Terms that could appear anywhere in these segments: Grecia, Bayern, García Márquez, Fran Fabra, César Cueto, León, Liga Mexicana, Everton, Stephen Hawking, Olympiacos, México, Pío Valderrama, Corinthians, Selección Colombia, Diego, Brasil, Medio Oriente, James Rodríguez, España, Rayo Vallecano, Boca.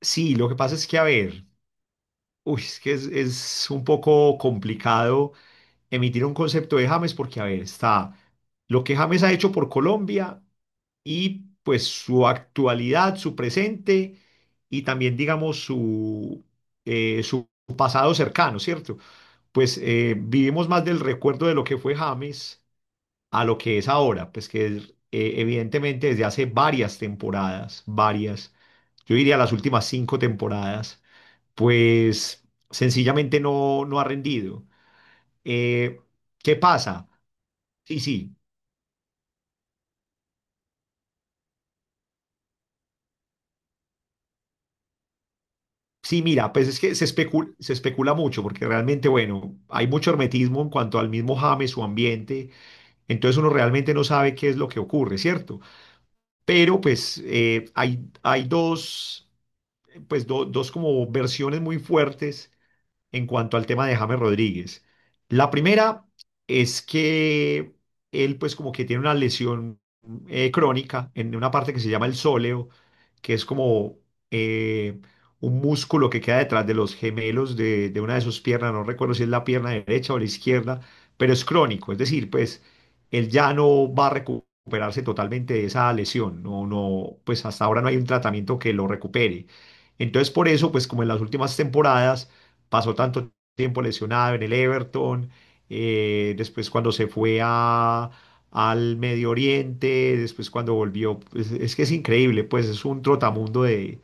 Sí, lo que pasa es que, a ver, uy, es que es un poco complicado emitir un concepto de James porque, a ver, está lo que James ha hecho por Colombia y pues su actualidad, su presente y también, digamos, su, su pasado cercano, ¿cierto? Pues vivimos más del recuerdo de lo que fue James a lo que es ahora, pues que es, evidentemente desde hace varias temporadas, varias, yo diría las últimas 5 temporadas pues sencillamente no ha rendido. Eh, ¿Qué pasa? Sí, sí, mira, pues es que se especula mucho porque realmente, bueno, hay mucho hermetismo en cuanto al mismo James, su ambiente, entonces uno realmente no sabe qué es lo que ocurre, ¿cierto? Pero pues hay dos, pues dos como versiones muy fuertes en cuanto al tema de James Rodríguez. La primera es que él pues como que tiene una lesión crónica en una parte que se llama el sóleo, que es como eh, un músculo que queda detrás de los gemelos de una de sus piernas, no recuerdo si es la pierna derecha o la izquierda, pero es crónico, es decir, pues él ya no va a recuperarse totalmente de esa lesión, no, no, pues hasta ahora no hay un tratamiento que lo recupere. Entonces, por eso, pues como en las últimas temporadas, pasó tanto tiempo lesionado en el Everton, después cuando se fue al Medio Oriente, después cuando volvió, pues, es que es increíble, pues es un trotamundo de,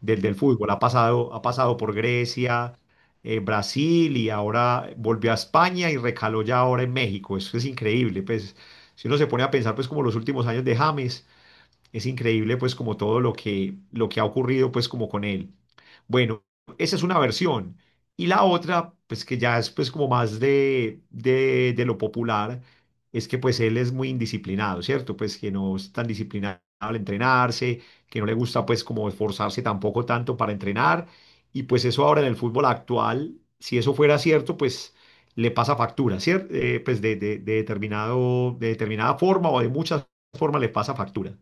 del fútbol, ha pasado por Grecia, Brasil y ahora volvió a España y recaló ya ahora en México, eso es increíble, pues si uno se pone a pensar pues como los últimos años de James, es increíble pues como todo lo que ha ocurrido pues como con él. Bueno, esa es una versión. Y la otra, pues que ya es pues como más de lo popular, es que pues él es muy indisciplinado, ¿cierto? Pues que no es tan disciplinado al entrenarse, que no le gusta pues como esforzarse tampoco tanto para entrenar. Y pues eso ahora en el fútbol actual, si eso fuera cierto, pues le pasa factura, ¿cierto? Pues de determinado, de determinada forma o de muchas formas le pasa factura.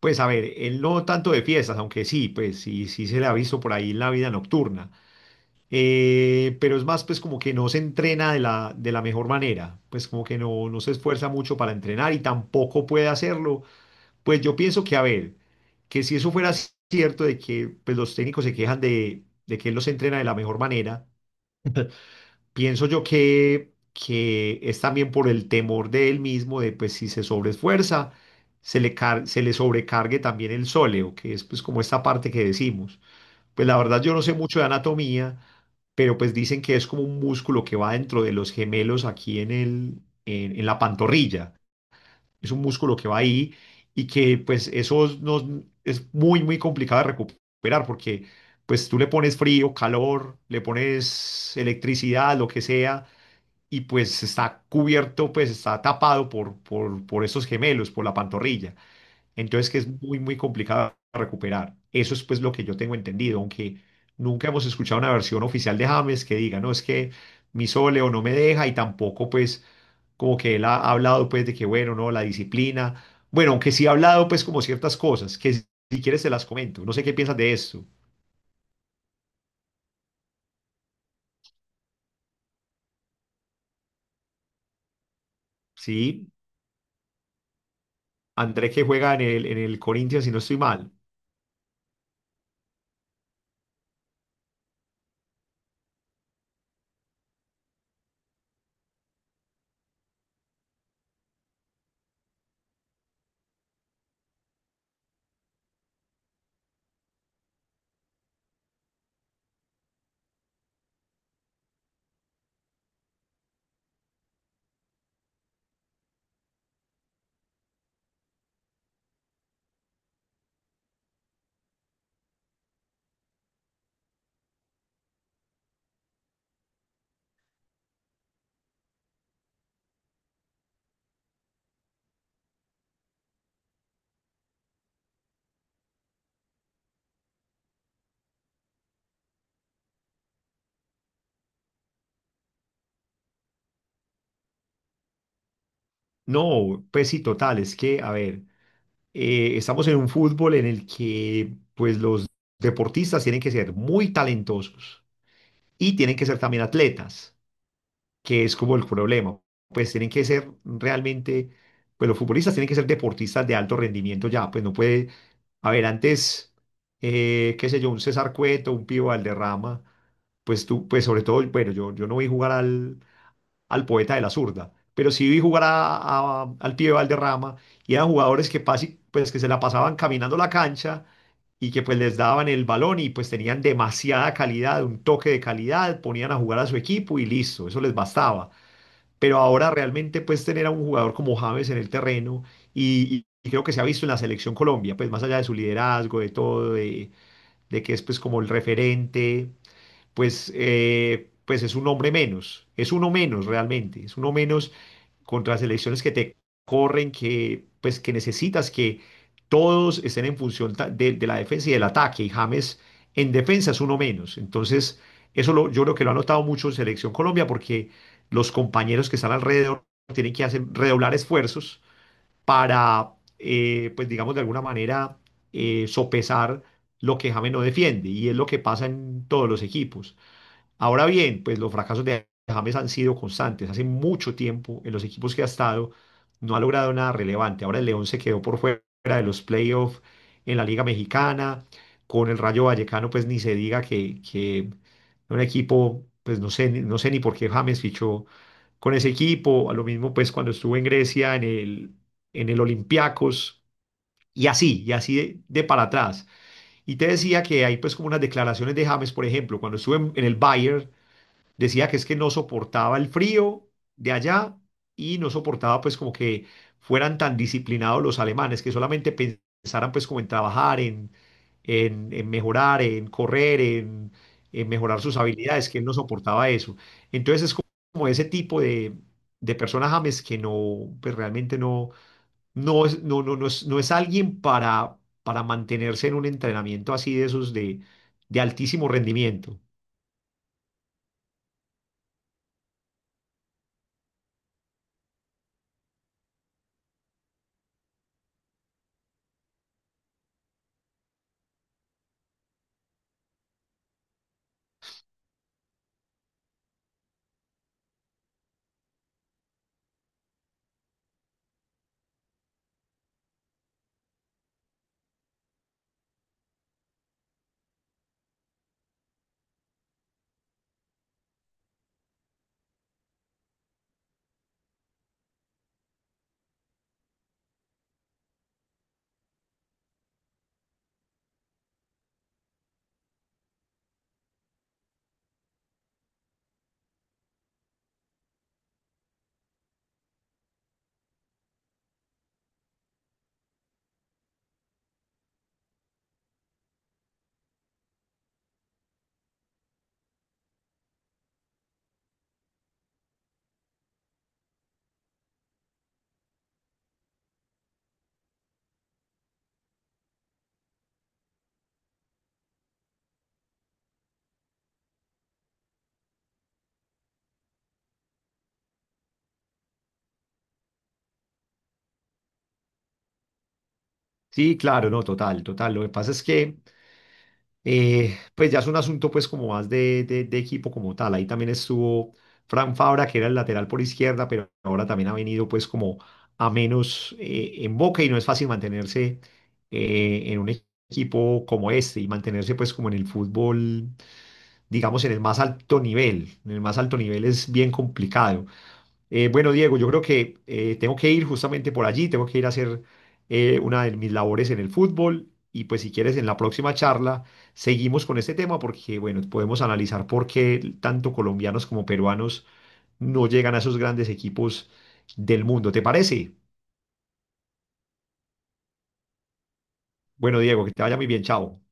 Pues a ver, él no tanto de fiestas, aunque sí, pues sí, sí se le ha visto por ahí en la vida nocturna. Pero es más, pues como que no se entrena de la mejor manera, pues como que no, no se esfuerza mucho para entrenar y tampoco puede hacerlo. Pues yo pienso que, a ver, que si eso fuera cierto de que pues, los técnicos se quejan de que él los entrena de la mejor manera. Pienso yo que es también por el temor de él mismo, de pues si se sobreesfuerza, se le sobrecargue también el sóleo, que es pues como esta parte que decimos. Pues la verdad yo no sé mucho de anatomía, pero pues dicen que es como un músculo que va dentro de los gemelos aquí en el, en la pantorrilla. Es un músculo que va ahí y que pues eso nos, es muy, muy complicado de recuperar porque pues tú le pones frío, calor, le pones electricidad, lo que sea y pues está cubierto, pues está tapado por esos gemelos, por la pantorrilla. Entonces que es muy, muy complicado de recuperar. Eso es pues lo que yo tengo entendido, aunque nunca hemos escuchado una versión oficial de James que diga, no, es que mi soleo no me deja y tampoco pues como que él ha hablado pues de que bueno, no, la disciplina. Bueno, aunque sí ha hablado pues como ciertas cosas, que si quieres te las comento. No sé qué piensas de esto. Sí, André que juega en el Corinthians, si no estoy mal. No, pues sí, total, es que, a ver, estamos en un fútbol en el que pues los deportistas tienen que ser muy talentosos y tienen que ser también atletas, que es como el problema. Pues tienen que ser realmente, pues los futbolistas tienen que ser deportistas de alto rendimiento ya, pues no puede, a ver, antes, qué sé yo, un César Cueto, un Pío Valderrama, pues tú, pues sobre todo, bueno, yo no vi jugar al, al poeta de la zurda, pero sí vi jugar al pibe Valderrama y eran jugadores que, pues, que se la pasaban caminando la cancha y que pues les daban el balón y pues tenían demasiada calidad, un toque de calidad, ponían a jugar a su equipo y listo, eso les bastaba. Pero ahora realmente pues tener a un jugador como James en el terreno y creo que se ha visto en la selección Colombia, pues más allá de su liderazgo, de todo, de que es pues como el referente pues, pues es un hombre menos, es uno menos realmente, es uno menos contra selecciones que te corren, que, pues, que necesitas que todos estén en función de la defensa y del ataque, y James en defensa es uno menos. Entonces, yo creo que lo ha notado mucho en Selección Colombia, porque los compañeros que están alrededor tienen que hacer redoblar esfuerzos para, pues digamos, de alguna manera sopesar lo que James no defiende, y es lo que pasa en todos los equipos. Ahora bien, pues los fracasos de James han sido constantes. Hace mucho tiempo en los equipos que ha estado no ha logrado nada relevante. Ahora el León se quedó por fuera de los playoffs en la Liga Mexicana. Con el Rayo Vallecano, pues ni se diga que un equipo, pues no sé, no sé ni por qué James fichó con ese equipo. A lo mismo, pues cuando estuvo en Grecia, en el Olympiacos, y así de para atrás. Y te decía que hay pues como unas declaraciones de James, por ejemplo, cuando estuvo en el Bayern, decía que es que no soportaba el frío de allá y no soportaba pues como que fueran tan disciplinados los alemanes, que solamente pensaran pues como en trabajar, en mejorar, en correr, en mejorar sus habilidades, que él no soportaba eso. Entonces es como ese tipo de persona James que no, pues realmente no, no es, no es alguien para mantenerse en un entrenamiento así de esos de altísimo rendimiento. Sí, claro, no, total, total. Lo que pasa es que, pues ya es un asunto pues como más de, de equipo como tal. Ahí también estuvo Fran Fabra, que era el lateral por izquierda, pero ahora también ha venido pues como a menos en Boca y no es fácil mantenerse en un equipo como este y mantenerse pues como en el fútbol, digamos, en el más alto nivel. En el más alto nivel es bien complicado. Bueno, Diego, yo creo que tengo que ir justamente por allí, tengo que ir a hacer una de mis labores en el fútbol y pues si quieres en la próxima charla seguimos con este tema porque bueno, podemos analizar por qué tanto colombianos como peruanos no llegan a esos grandes equipos del mundo. ¿Te parece? Bueno, Diego, que te vaya muy bien, chao.